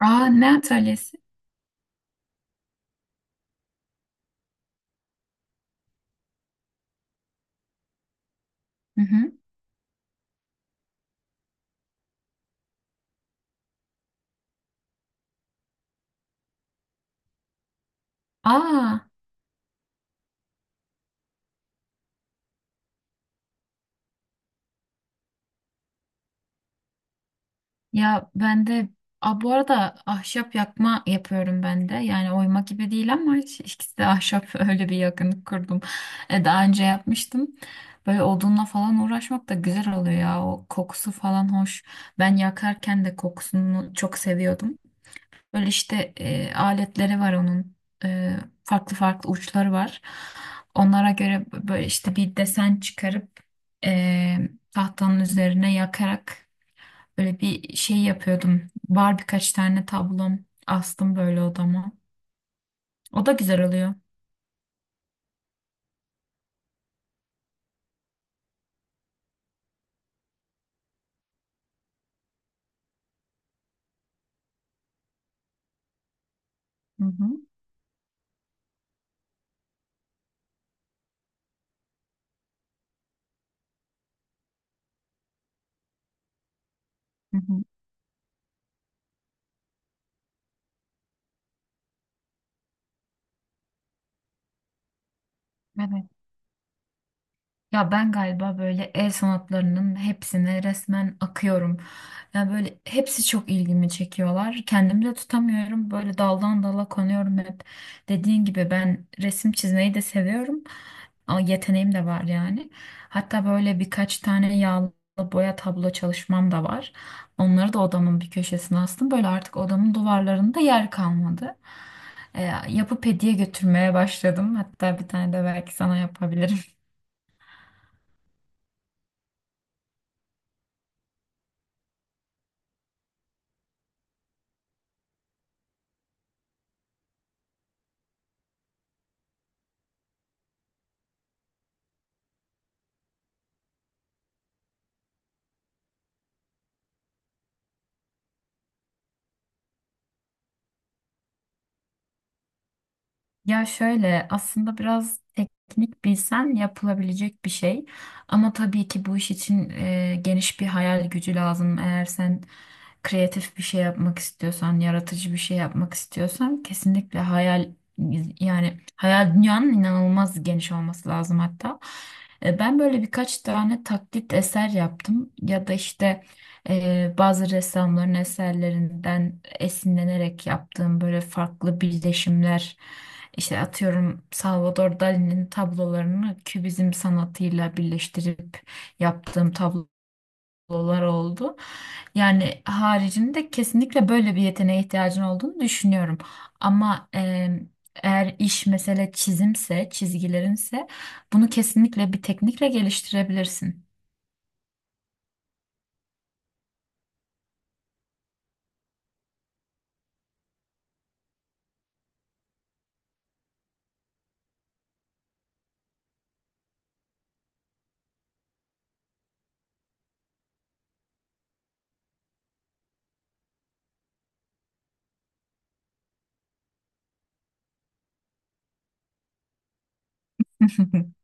Aa, ne atölyesi? Hı hı. Aa, ya ben de. Aa, bu arada ahşap yakma yapıyorum ben de. Yani oyma gibi değil ama ikisi de ahşap öyle bir yakınlık kurdum. Daha önce yapmıştım. Böyle odunla falan uğraşmak da güzel oluyor ya. O kokusu falan hoş. Ben yakarken de kokusunu çok seviyordum. Böyle işte aletleri var onun. E, Farklı farklı uçları var. Onlara göre böyle işte bir desen çıkarıp e, tahtanın üzerine yakarak böyle bir şey yapıyordum. Var birkaç tane tablom, astım böyle odama. O da güzel oluyor. Hı hı. Hı hı. Evet. Ya ben galiba böyle el sanatlarının hepsine resmen akıyorum. Ya böyle hepsi çok ilgimi çekiyorlar. Kendimi de tutamıyorum. Böyle daldan dala konuyorum hep. Dediğin gibi ben resim çizmeyi de seviyorum. Ama yeteneğim de var yani. Hatta böyle birkaç tane yağlı boya tablo çalışmam da var. Onları da odamın bir köşesine astım. Böyle artık odamın duvarlarında yer kalmadı. Yapıp hediye götürmeye başladım. Hatta bir tane de belki sana yapabilirim. Ya şöyle, aslında biraz teknik bilsen yapılabilecek bir şey. Ama tabii ki bu iş için geniş bir hayal gücü lazım. Eğer sen kreatif bir şey yapmak istiyorsan, yaratıcı bir şey yapmak istiyorsan kesinlikle hayal, yani hayal dünyanın inanılmaz geniş olması lazım hatta. Ben böyle birkaç tane taklit eser yaptım ya da işte bazı ressamların eserlerinden esinlenerek yaptığım böyle farklı birleşimler, işte atıyorum Salvador Dali'nin tablolarını kübizm sanatıyla birleştirip yaptığım tablolar oldu. Yani haricinde kesinlikle böyle bir yeteneğe ihtiyacın olduğunu düşünüyorum. Ama eğer iş mesele çizimse, çizgilerinse bunu kesinlikle bir teknikle geliştirebilirsin.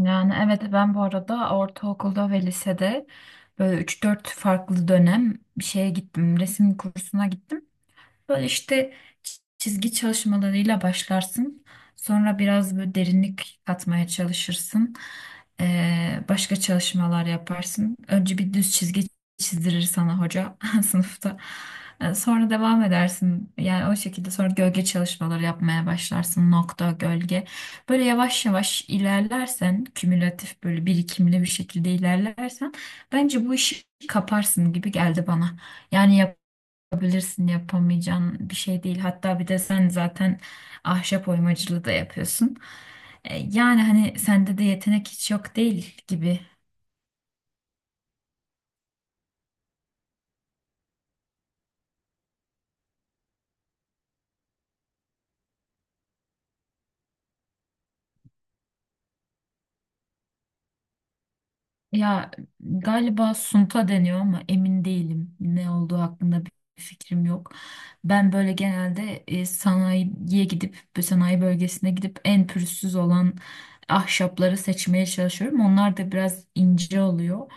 Yani evet, ben bu arada ortaokulda ve lisede böyle üç dört farklı dönem bir şeye gittim. Resim kursuna gittim. Böyle işte çizgi çalışmalarıyla başlarsın. Sonra biraz böyle derinlik katmaya çalışırsın. Başka çalışmalar yaparsın. Önce bir düz çizgi çizdirir sana hoca sınıfta. Sonra devam edersin. Yani o şekilde sonra gölge çalışmaları yapmaya başlarsın. Nokta, gölge. Böyle yavaş yavaş ilerlersen, kümülatif böyle birikimli bir şekilde ilerlersen bence bu işi kaparsın gibi geldi bana. Yani yapabilirsin, yapamayacağın bir şey değil. Hatta bir de sen zaten ahşap oymacılığı da yapıyorsun. Yani hani sende de yetenek hiç yok değil gibi. Ya galiba sunta deniyor ama emin değilim. Ne olduğu hakkında bir fikrim yok. Ben böyle genelde sanayiye gidip, sanayi bölgesine gidip en pürüzsüz olan ahşapları seçmeye çalışıyorum. Onlar da biraz ince oluyor.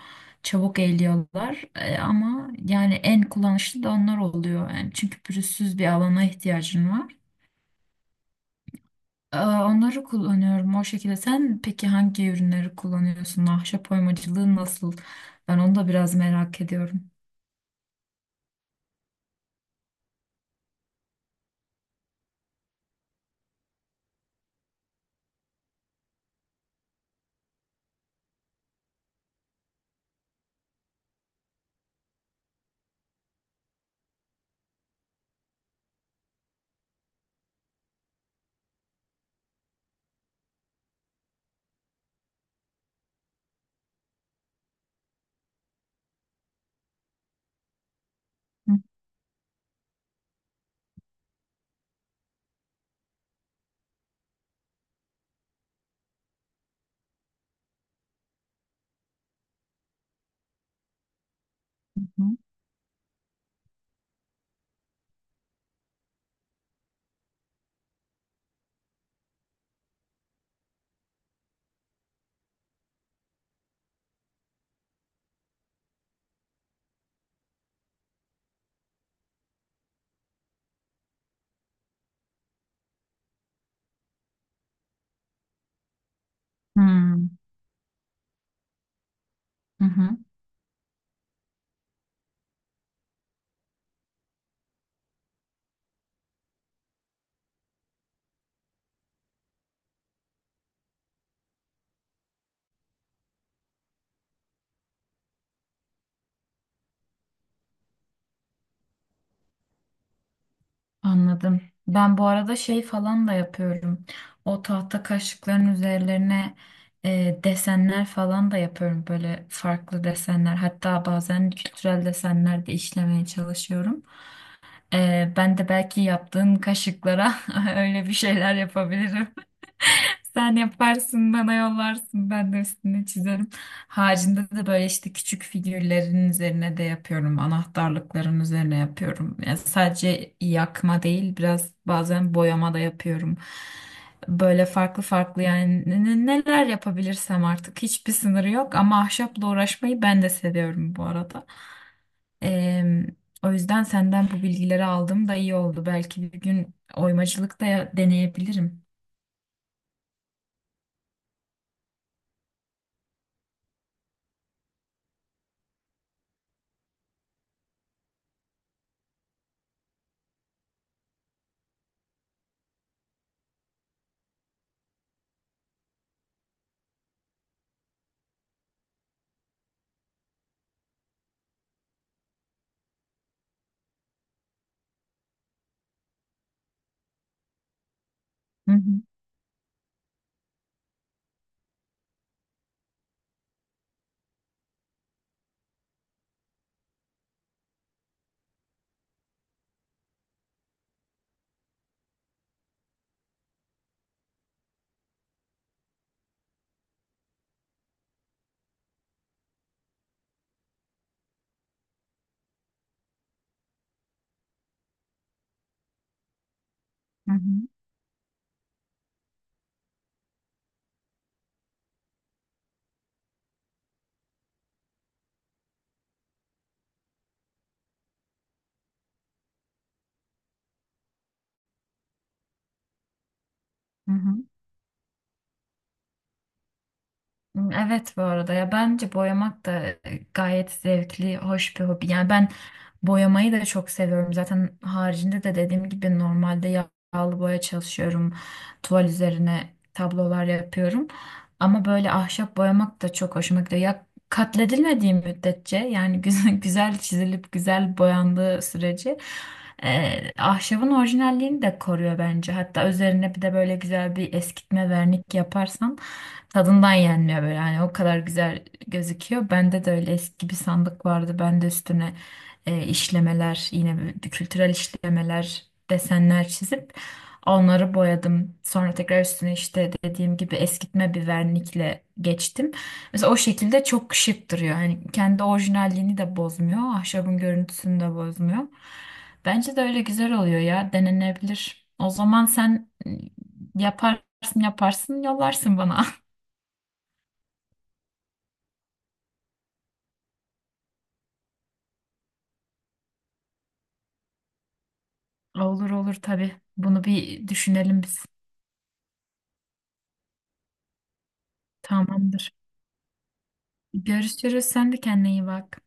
Çabuk eğiliyorlar. Ama yani en kullanışlı da onlar oluyor. Yani çünkü pürüzsüz bir alana ihtiyacın var. Aa, onları kullanıyorum o şekilde. Sen peki hangi ürünleri kullanıyorsun? Ahşap oymacılığı nasıl? Ben onu da biraz merak ediyorum. Hı hı. Hmm, hı hı. Anladım. Ben bu arada şey falan da yapıyorum. O tahta kaşıkların üzerlerine desenler falan da yapıyorum. Böyle farklı desenler. Hatta bazen kültürel desenler de işlemeye çalışıyorum. Ben de belki yaptığın kaşıklara öyle bir şeyler yapabilirim. Sen yaparsın, bana yollarsın, ben de üstüne çizerim. Haricinde de böyle işte küçük figürlerin üzerine de yapıyorum, anahtarlıkların üzerine yapıyorum. Yani sadece yakma değil, biraz bazen boyama da yapıyorum. Böyle farklı farklı, yani neler yapabilirsem artık, hiçbir sınırı yok, ama ahşapla uğraşmayı ben de seviyorum bu arada. Em, O yüzden senden bu bilgileri aldım da iyi oldu. Belki bir gün oymacılık da deneyebilirim. Hı hı. Hı hı. Hı hı. Hmm, evet. Bu arada ya bence boyamak da gayet zevkli, hoş bir hobi. Yani ben boyamayı da çok seviyorum. Zaten haricinde de dediğim gibi normalde yağlı boya çalışıyorum. Tuval üzerine tablolar yapıyorum. Ama böyle ahşap boyamak da çok hoşuma gidiyor. Ya katledilmediği müddetçe yani güzel, güzel çizilip güzel boyandığı sürece ahşabın orijinalliğini de koruyor bence. Hatta üzerine bir de böyle güzel bir eskitme vernik yaparsan tadından yenmiyor böyle, hani o kadar güzel gözüküyor. Bende de öyle eski bir sandık vardı. Ben de üstüne işlemeler, yine kültürel işlemeler, desenler çizip onları boyadım. Sonra tekrar üstüne işte dediğim gibi eskitme bir vernikle geçtim. Mesela o şekilde çok şık duruyor. Hani kendi orijinalliğini de bozmuyor. Ahşabın görüntüsünü de bozmuyor. Bence de öyle güzel oluyor ya. Denenebilir. O zaman sen yaparsın, yollarsın bana. Olur olur, tabii. Bunu bir düşünelim biz. Tamamdır. Görüşürüz. Sen de kendine iyi bak.